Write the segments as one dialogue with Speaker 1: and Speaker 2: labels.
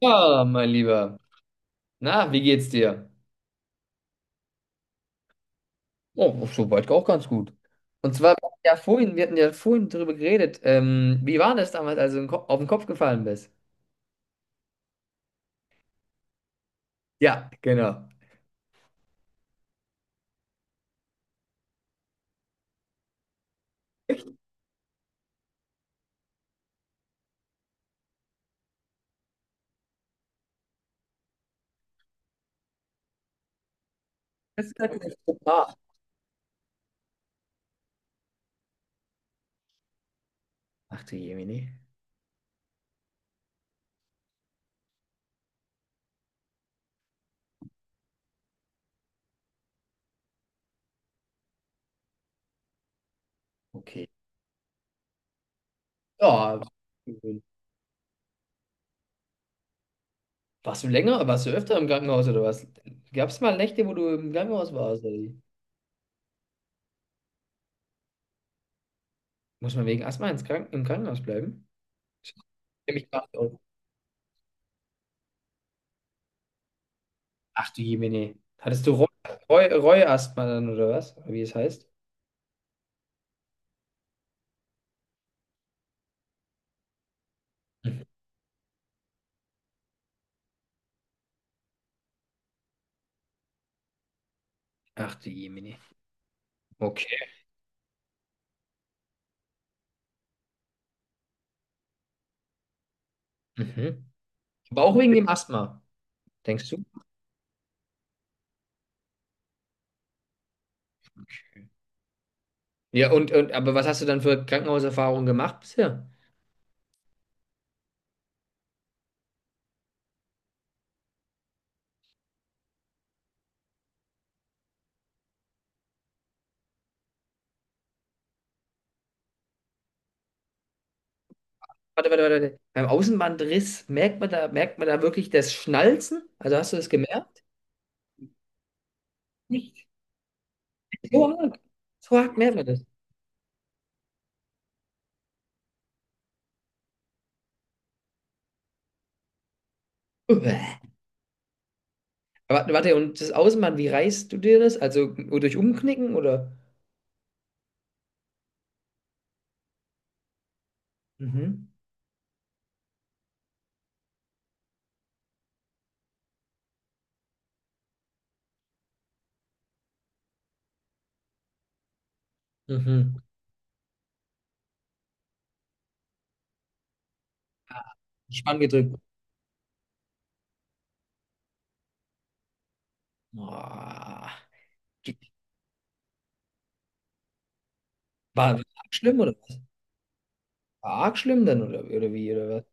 Speaker 1: Ja, mein Lieber. Na, wie geht's dir? Oh, soweit auch ganz gut. Und zwar, ja, vorhin, wir hatten ja vorhin drüber geredet. Wie war das damals, als du auf den Kopf gefallen bist? Ja, genau. Das ist natürlich super. Ach du Jemini. Okay. Ja, warst du öfter im Krankenhaus oder was? Gab es mal Nächte, wo du im Krankenhaus warst? Oder wie? Muss man wegen Asthma ins Kranken im Krankenhaus bleiben? Ich kenn mich gar nicht aus. Ach du Jemini. Hattest du Reuasthma dann oder was? Oder wie es heißt? Ach du Jemine. Okay. Mhm. Aber auch wegen dem Asthma, denkst du? Okay. Ja, und aber was hast du dann für Krankenhauserfahrungen gemacht bisher? Warte, warte, warte, warte. Beim Außenbandriss merkt man da wirklich das Schnalzen? Also hast du das gemerkt? Nicht. So arg. So arg merkt man das. Uäh. Warte, warte, und das Außenband, wie reißt du dir das? Also durch Umknicken oder? Mhm. Mhm. Ah, Spann gedrückt. Boah. Ge- war arg schlimm oder was? War arg schlimm dann oder wie oder was?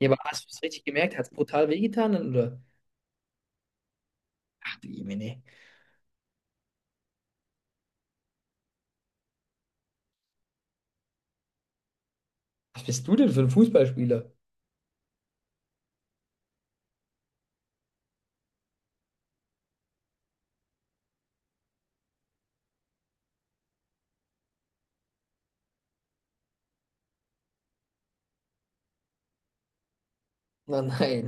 Speaker 1: Ja, aber hast du es richtig gemerkt? Hat es brutal wehgetan? Oder? Ach du Jemine. Was bist du denn für ein Fußballspieler? Na nein.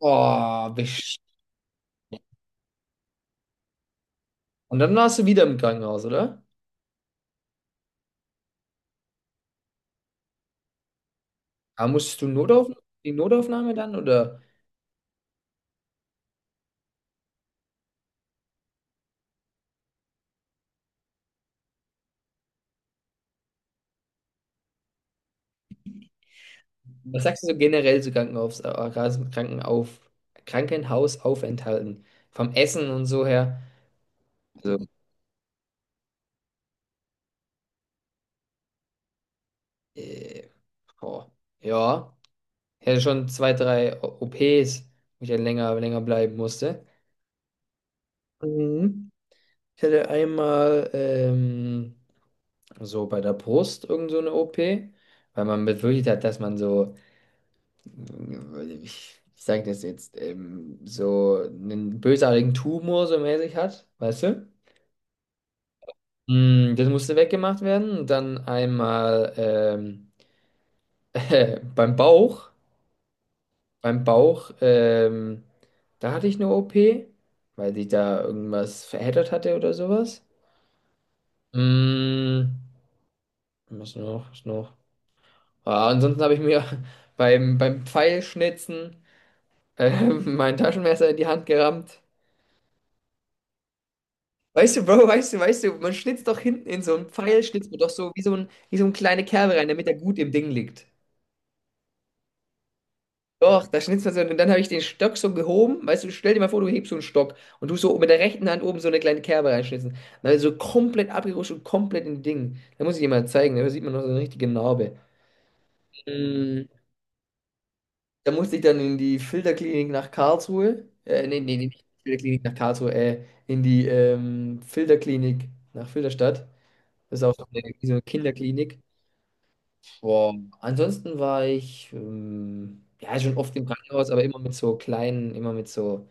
Speaker 1: Oh, besch. Und dann warst du wieder im Krankenhaus, oder? Aber musstest du Notauf die Notaufnahme dann? Oder was sagst du so generell zu Krankenhaus, Krankenauf, Krankenhausaufenthalten? Vom Essen und so her. Also, äh, oh, ja. Ich hatte schon zwei, drei OPs, wo ich dann länger bleiben musste. Mhm. Ich hatte einmal so bei der Brust irgend so eine OP, weil man befürchtet hat, dass man so, ich sage das jetzt, so einen bösartigen Tumor so mäßig hat, weißt du? Das musste weggemacht werden. Und dann einmal beim Bauch. Beim Bauch, da hatte ich eine OP, weil sich da irgendwas verheddert hatte oder sowas. Mm, Was noch? Was noch? Ah, ansonsten habe ich mir beim Pfeilschnitzen äh, mein Taschenmesser in die Hand gerammt. Weißt du, Bro, weißt du, man schnitzt doch hinten in so einen Pfeil, schnitzt man doch so wie so eine kleine Kerbe rein, damit er gut im Ding liegt. Doch, da schnitzt man so, und dann habe ich den Stock so gehoben, weißt du, stell dir mal vor, du hebst so einen Stock und du so mit der rechten Hand oben so eine kleine Kerbe reinschnitzen. Dann so komplett abgerutscht und komplett im Ding. Da muss ich dir mal zeigen, da sieht man noch so eine richtige Narbe. Mm, Da musste ich dann in die Filterklinik nach Karlsruhe. Nee, nee, nee, nicht Filterklinik nach Karlsruhe, in die Filterklinik nach Filderstadt. Das ist auch so eine Kinderklinik. Boah. Ansonsten war ich ja schon oft im Krankenhaus, aber immer mit so kleinen, immer mit so,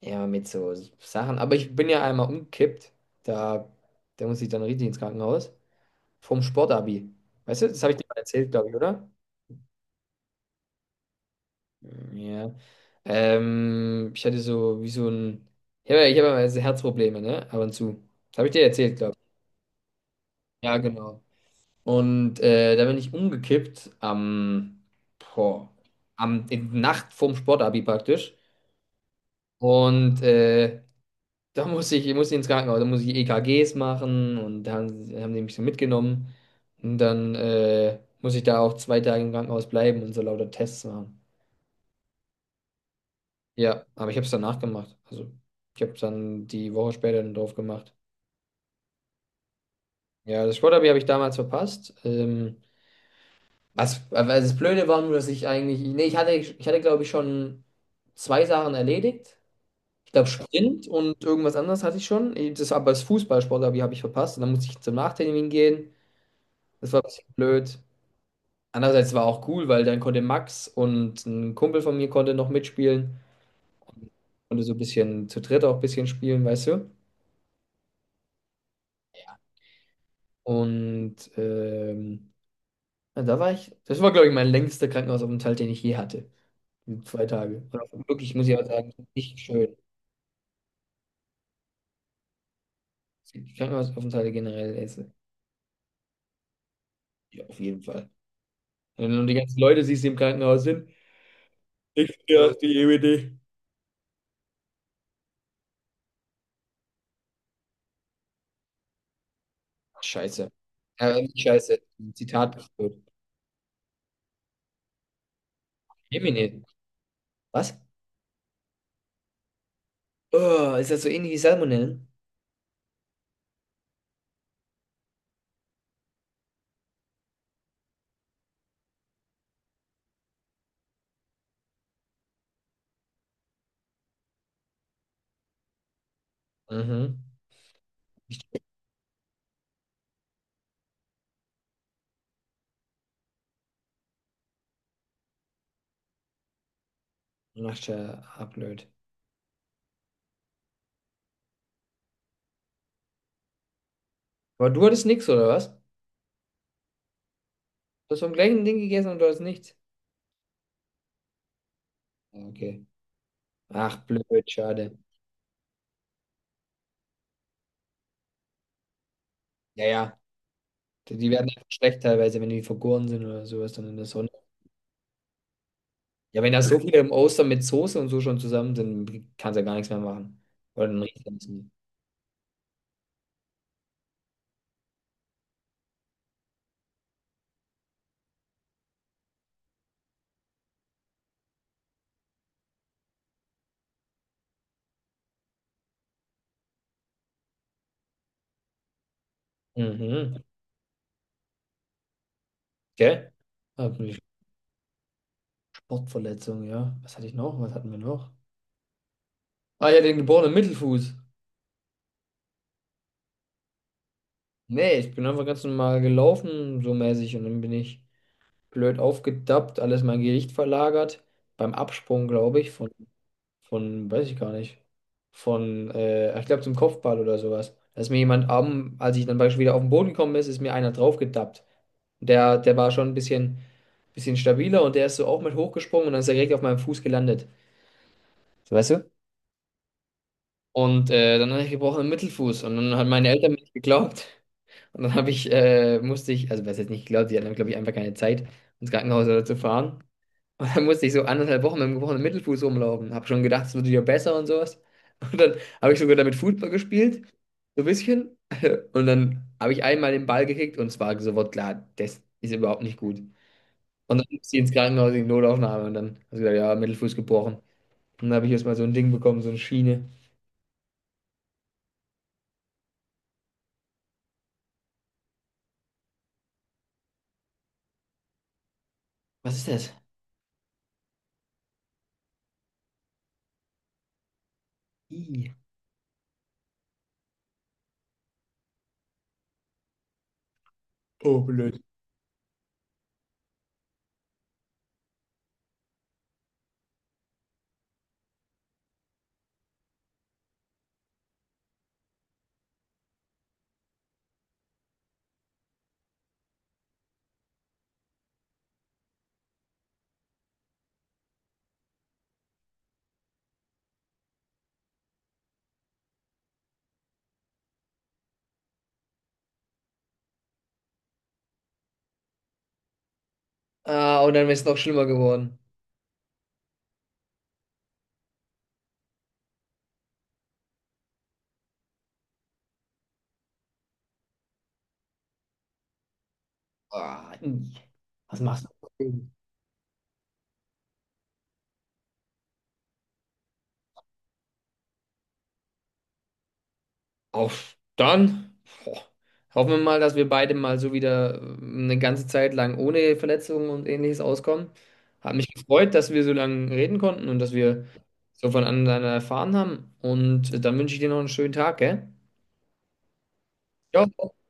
Speaker 1: ja, mit so Sachen. Aber ich bin ja einmal umgekippt. Da, da musste ich dann richtig ins Krankenhaus. Vom Sportabi. Weißt du, das habe ich dir mal erzählt, glaube ich, oder? Ja. Ich hatte so wie so ein. Ich hab immer so Herzprobleme, ne? Ab und zu. Das habe ich dir erzählt, glaube ich. Ja, genau. Und da bin ich umgekippt am, boah, am in, Nacht vorm Sportabi praktisch. Und da muss ich, muss ich muss ins Krankenhaus, da muss ich EKGs machen und da haben die mich so mitgenommen. Und dann muss ich da auch 2 Tage im Krankenhaus bleiben und so lauter Tests machen. Ja, aber ich habe es danach gemacht. Also ich habe dann die Woche später dann drauf gemacht. Ja, das Sporderby habe ich damals verpasst. Was, also das Blöde war nur, dass ich eigentlich, nee, ich hatte glaube ich schon zwei Sachen erledigt. Ich glaube Sprint und irgendwas anderes hatte ich schon. Aber das Fußballsportlerby habe ich verpasst und dann musste ich zum Nachtermin gehen. Das war ein bisschen blöd. Andererseits war auch cool, weil dann konnte Max und ein Kumpel von mir konnte noch mitspielen. Konnte so ein bisschen zu dritt auch ein bisschen spielen, weißt du? Und ja, da war ich, das war, glaube ich, mein längster Krankenhausaufenthalt, den ich je hatte. 2 Tage. Und wirklich, muss ich auch sagen, nicht schön. Die Krankenhausaufenthalte generell esse. Ja, auf jeden Fall. Wenn du die ganzen Leute siehst, die im Krankenhaus sind, ich stehe auf die EWD. Ach, Scheiße. Nicht scheiße. Zitat geführt. Jemine. Was? Oh, ist das so ähnlich wie Salmonellen? Mhm. Ach, tja, ah, blöd. Aber du hattest nichts, oder was? Du hast vom gleichen Ding gegessen und du hattest nichts. Ja, okay. Ach, blöd, schade. Ja, ja. Die werden einfach schlecht teilweise, wenn die vergoren sind oder sowas dann in der Sonne. Ja, wenn da so viele im Oster mit Soße und so schon zusammen sind, kannst du ja gar nichts mehr machen. Oder dann riecht es nicht. Mhm. Gell? Ah, Sportverletzung, ja. Was hatte ich noch? Was hatten wir noch? Ah ja, den geborenen Mittelfuß. Nee, ich bin einfach ganz normal gelaufen, so mäßig, und dann bin ich blöd aufgedappt, alles mein Gewicht verlagert. Beim Absprung, glaube ich, von, weiß ich gar nicht. Von, ich glaube zum Kopfball oder sowas. Da ist mir jemand am, als ich dann beispielsweise wieder auf den Boden gekommen ist, ist mir einer draufgetappt. Der war schon ein bisschen stabiler und der ist so auch mit hochgesprungen und dann ist er direkt auf meinem Fuß gelandet. So, weißt du? Und dann hatte ich gebrochenen Mittelfuß und dann haben meine Eltern mir nicht geglaubt. Und dann habe ich, musste ich, also was jetzt nicht geglaubt, die hatten, glaube ich, einfach keine Zeit, ins Krankenhaus oder zu fahren. Und dann musste ich so anderthalb Wochen mit dem gebrochenen Mittelfuß rumlaufen. Habe schon gedacht, es wird wieder besser und sowas. Und dann habe ich sogar damit Fußball gespielt, so ein bisschen. Und dann habe ich einmal den Ball gekickt und es war sofort klar, das ist überhaupt nicht gut. Und dann musste ich ins Krankenhaus in die Notaufnahme und dann habe ich gesagt, ja, Mittelfuß gebrochen. Und dann habe ich erstmal so ein Ding bekommen, so eine Schiene. Was ist das? Ih. Oh, blöd. Ah, und dann ist es noch schlimmer geworden. Ah, ih. Was machst du? Auf dann. Boah. Hoffen wir mal, dass wir beide mal so wieder eine ganze Zeit lang ohne Verletzungen und ähnliches auskommen. Hat mich gefreut, dass wir so lange reden konnten und dass wir so voneinander erfahren haben. Und dann wünsche ich dir noch einen schönen Tag, gell? Ciao.